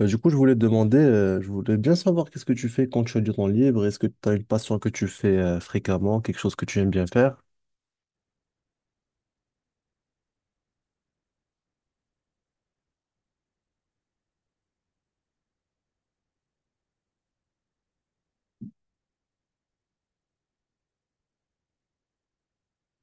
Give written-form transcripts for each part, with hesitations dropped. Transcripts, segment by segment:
Du coup, je voulais te demander, je voulais bien savoir qu'est-ce que tu fais quand tu as du temps libre. Est-ce que tu as une passion que tu fais fréquemment, quelque chose que tu aimes bien faire?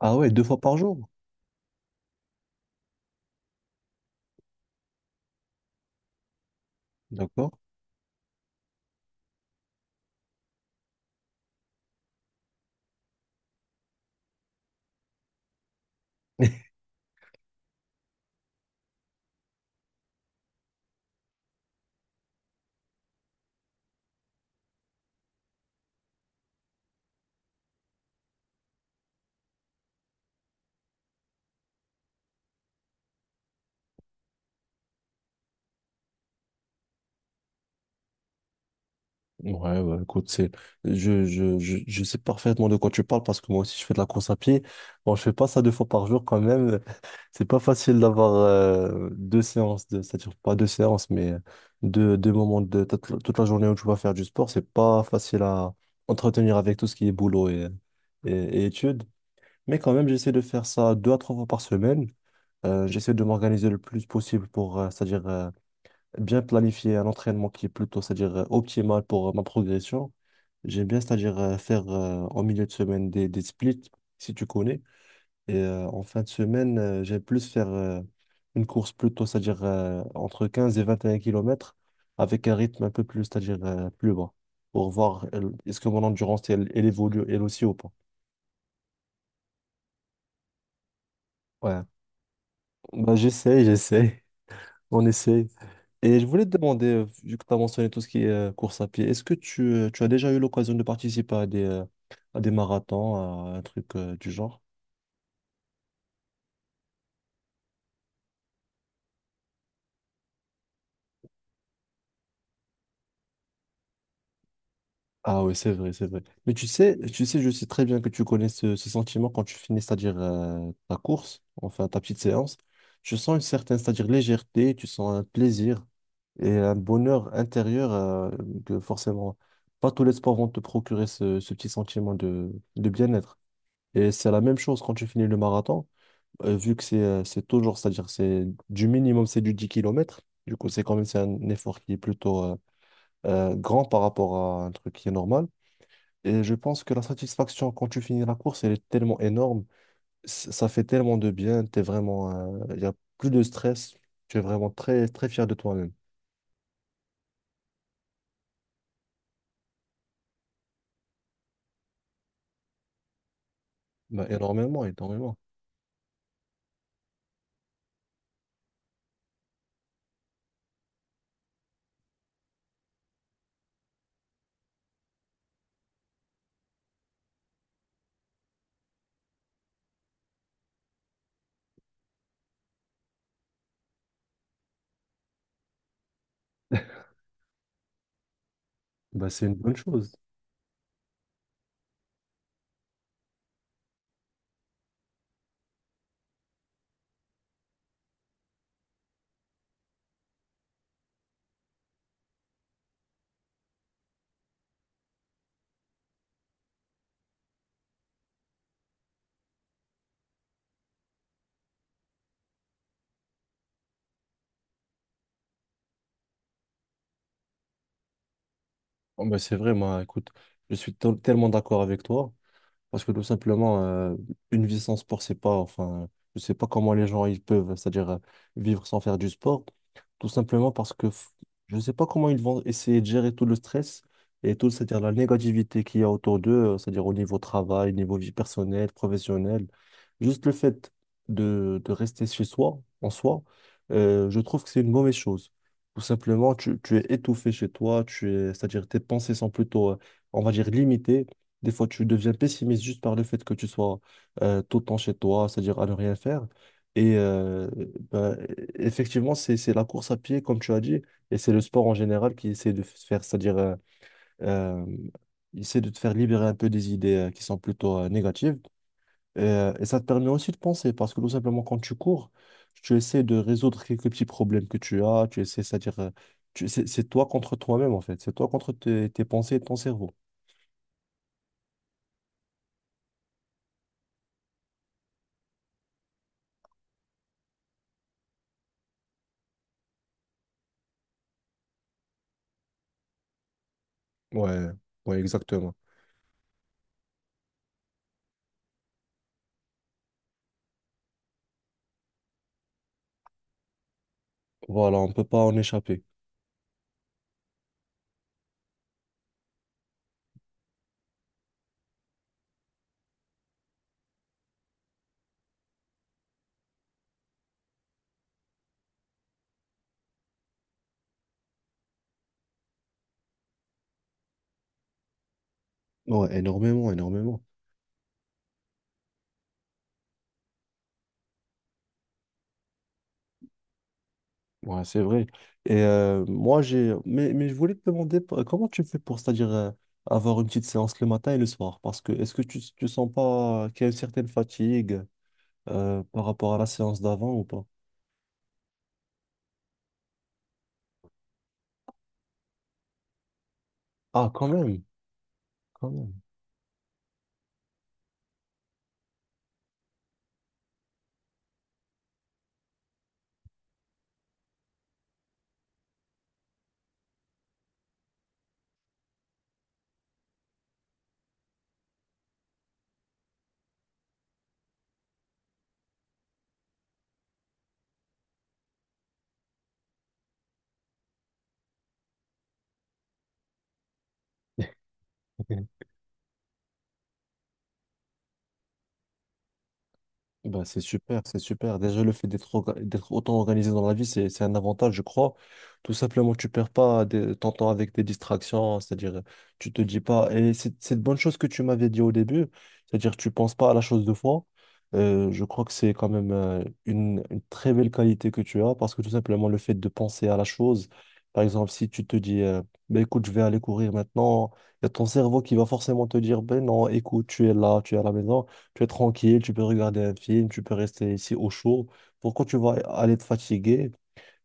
Ah ouais, deux fois par jour. D'accord. Ouais, ouais, écoute, je sais parfaitement de quoi tu parles parce que moi aussi je fais de la course à pied. Bon, je fais pas ça deux fois par jour quand même. C'est pas facile d'avoir deux séances, c'est-à-dire pas deux séances, mais deux moments de toute la journée où tu vas faire du sport. C'est pas facile à entretenir avec tout ce qui est boulot et études. Mais quand même, j'essaie de faire ça deux à trois fois par semaine. J'essaie de m'organiser le plus possible pour, c'est-à-dire, bien planifier un entraînement qui est plutôt, c'est-à-dire, optimal pour ma progression. J'aime bien, c'est-à-dire, faire en milieu de semaine des splits, si tu connais. Et en fin de semaine, j'aime plus faire une course plutôt, c'est-à-dire, entre 15 et 21 kilomètres avec un rythme un peu plus, c'est-à-dire, plus bas pour voir est-ce que mon endurance, elle, elle évolue elle aussi ou pas. Ouais, bah, j'essaie, j'essaie. On essaye. Et je voulais te demander, vu que tu as mentionné tout ce qui est course à pied, est-ce que tu as déjà eu l'occasion de participer à à des marathons, à un truc du genre? Ah oui, c'est vrai, c'est vrai. Mais tu sais, je sais très bien que tu connais ce sentiment quand tu finis, c'est-à-dire ta course, enfin ta petite séance. Tu sens une certaine, c'est-à-dire légèreté, tu sens un plaisir et un bonheur intérieur que forcément, pas tous les sports vont te procurer ce petit sentiment de bien-être. Et c'est la même chose quand tu finis le marathon, vu que c'est toujours, c'est-à-dire c'est du minimum, c'est du 10 kilomètres. Du coup, c'est quand même c'est un effort qui est plutôt grand par rapport à un truc qui est normal. Et je pense que la satisfaction quand tu finis la course, elle est tellement énorme. Ça fait tellement de bien. T'es vraiment, il n'y a plus de stress. Tu es vraiment très, très fier de toi-même. Bah, énormément, énormément. Bah, c'est une bonne chose. Oh, bah, c'est vrai, moi, écoute, je suis tellement d'accord avec toi. Parce que tout simplement, une vie sans sport, c'est pas, enfin, je sais pas comment les gens ils peuvent, c'est-à-dire vivre sans faire du sport. Tout simplement parce que je sais pas comment ils vont essayer de gérer tout le stress et tout, c'est-à-dire la négativité qu'il y a autour d'eux, c'est-à-dire au niveau travail, niveau vie personnelle, professionnelle. Juste le fait de rester chez soi, en soi, je trouve que c'est une mauvaise chose. Tout simplement, tu es étouffé chez toi, tu es, c'est-à-dire tes pensées sont plutôt, on va dire, limitées des fois, tu deviens pessimiste juste par le fait que tu sois tout le temps chez toi, c'est-à-dire à ne rien faire. Et ben, effectivement, c'est la course à pied, comme tu as dit, et c'est le sport en général qui essaie de faire, c'est-à-dire, euh, il essaie de te faire libérer un peu des idées qui sont plutôt négatives. Et ça te permet aussi de penser, parce que tout simplement, quand tu cours, tu essaies de résoudre quelques petits problèmes que tu as, tu essaies, c'est-à-dire, c'est toi contre toi-même, en fait. C'est toi contre tes pensées et ton cerveau. Ouais, ouais, exactement. Voilà, on ne peut pas en échapper. Ouais, énormément, énormément. Ouais, c'est vrai. Et moi, j'ai. Mais je voulais te demander comment tu fais pour, c'est-à-dire, avoir une petite séance le matin et le soir? Parce que est-ce que tu sens pas qu'il y a une certaine fatigue par rapport à la séance d'avant ou pas? Ah, quand même, quand même. Bah, c'est super, c'est super. Déjà, le fait d'être autant organisé dans la vie, c'est un avantage, je crois. Tout simplement, tu perds pas ton temps avec des distractions, c'est-à-dire, tu te dis pas. Et c'est une bonne chose que tu m'avais dit au début, c'est-à-dire, tu penses pas à la chose de fois. Je crois que c'est quand même une très belle qualité que tu as, parce que tout simplement, le fait de penser à la chose, par exemple, si tu te dis, ben, écoute, je vais aller courir maintenant, il y a ton cerveau qui va forcément te dire, ben non, écoute, tu es là, tu es à la maison. Tu es tranquille, tu peux regarder un film, tu peux rester ici au chaud. Pourquoi tu vas aller te fatiguer?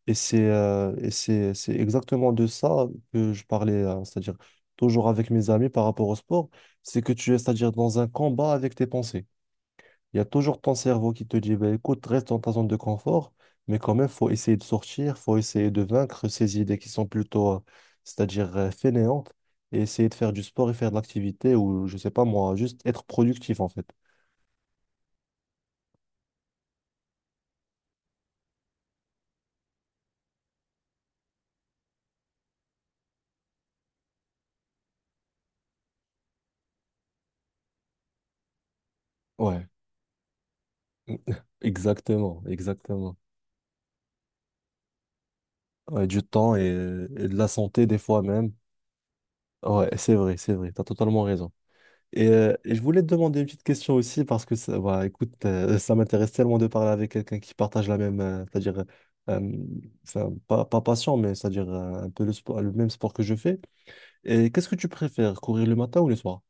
Et c'est exactement de ça que je parlais, c'est-à-dire toujours avec mes amis par rapport au sport, c'est que tu es, c'est-à-dire dans un combat avec tes pensées. Il y a toujours ton cerveau qui te dit, bah, écoute, reste dans ta zone de confort, mais quand même, faut essayer de sortir, faut essayer de vaincre ces idées qui sont plutôt, c'est-à-dire fainéantes, et essayer de faire du sport et faire de l'activité, ou je sais pas moi, juste être productif en fait. Ouais. Exactement, exactement. Ouais, du temps et de la santé des fois même. Ouais, c'est vrai, t'as totalement raison. Et je voulais te demander une petite question aussi parce que ça, bah, écoute, ça m'intéresse tellement de parler avec quelqu'un qui partage la même, c'est-à-dire, euh, enfin, pas passion, mais c'est-à-dire un peu le sport, le même sport que je fais. Et qu'est-ce que tu préfères, courir le matin ou le soir?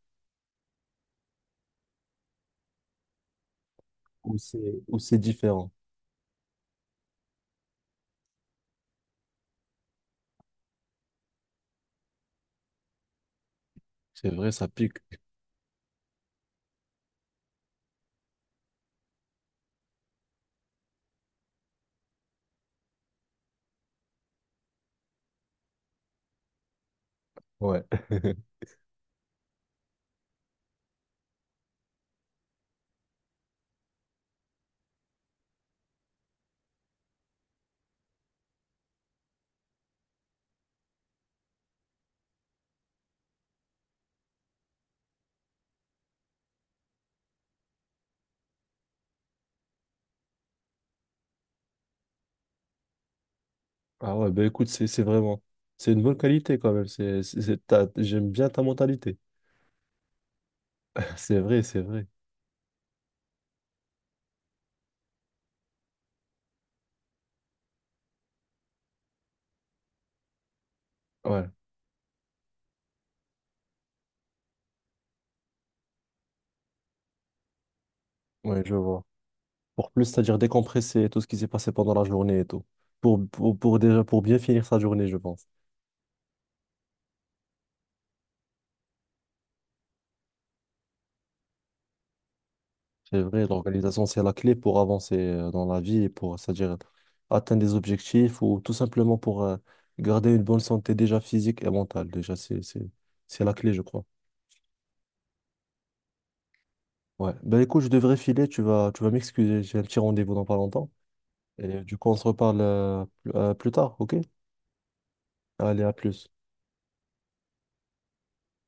Ou c'est, ou c'est différent? C'est vrai, ça pique. Ouais. Ah ouais, ben écoute, c'est vraiment... C'est une bonne qualité quand même. J'aime bien ta mentalité. C'est vrai, c'est vrai. Ouais, ouais, je vois. Pour plus, c'est-à-dire décompresser tout ce qui s'est passé pendant la journée et tout. Pour déjà, pour bien finir sa journée, je pense. C'est vrai, l'organisation, c'est la clé pour avancer dans la vie et pour, c'est-à-dire atteindre des objectifs ou tout simplement pour garder une bonne santé déjà physique et mentale. Déjà, c'est la clé, je crois. Ouais. Ben écoute, je devrais filer. Tu vas m'excuser. J'ai un petit rendez-vous dans pas longtemps. Et du coup, on se reparle plus tard, ok? Allez, à plus.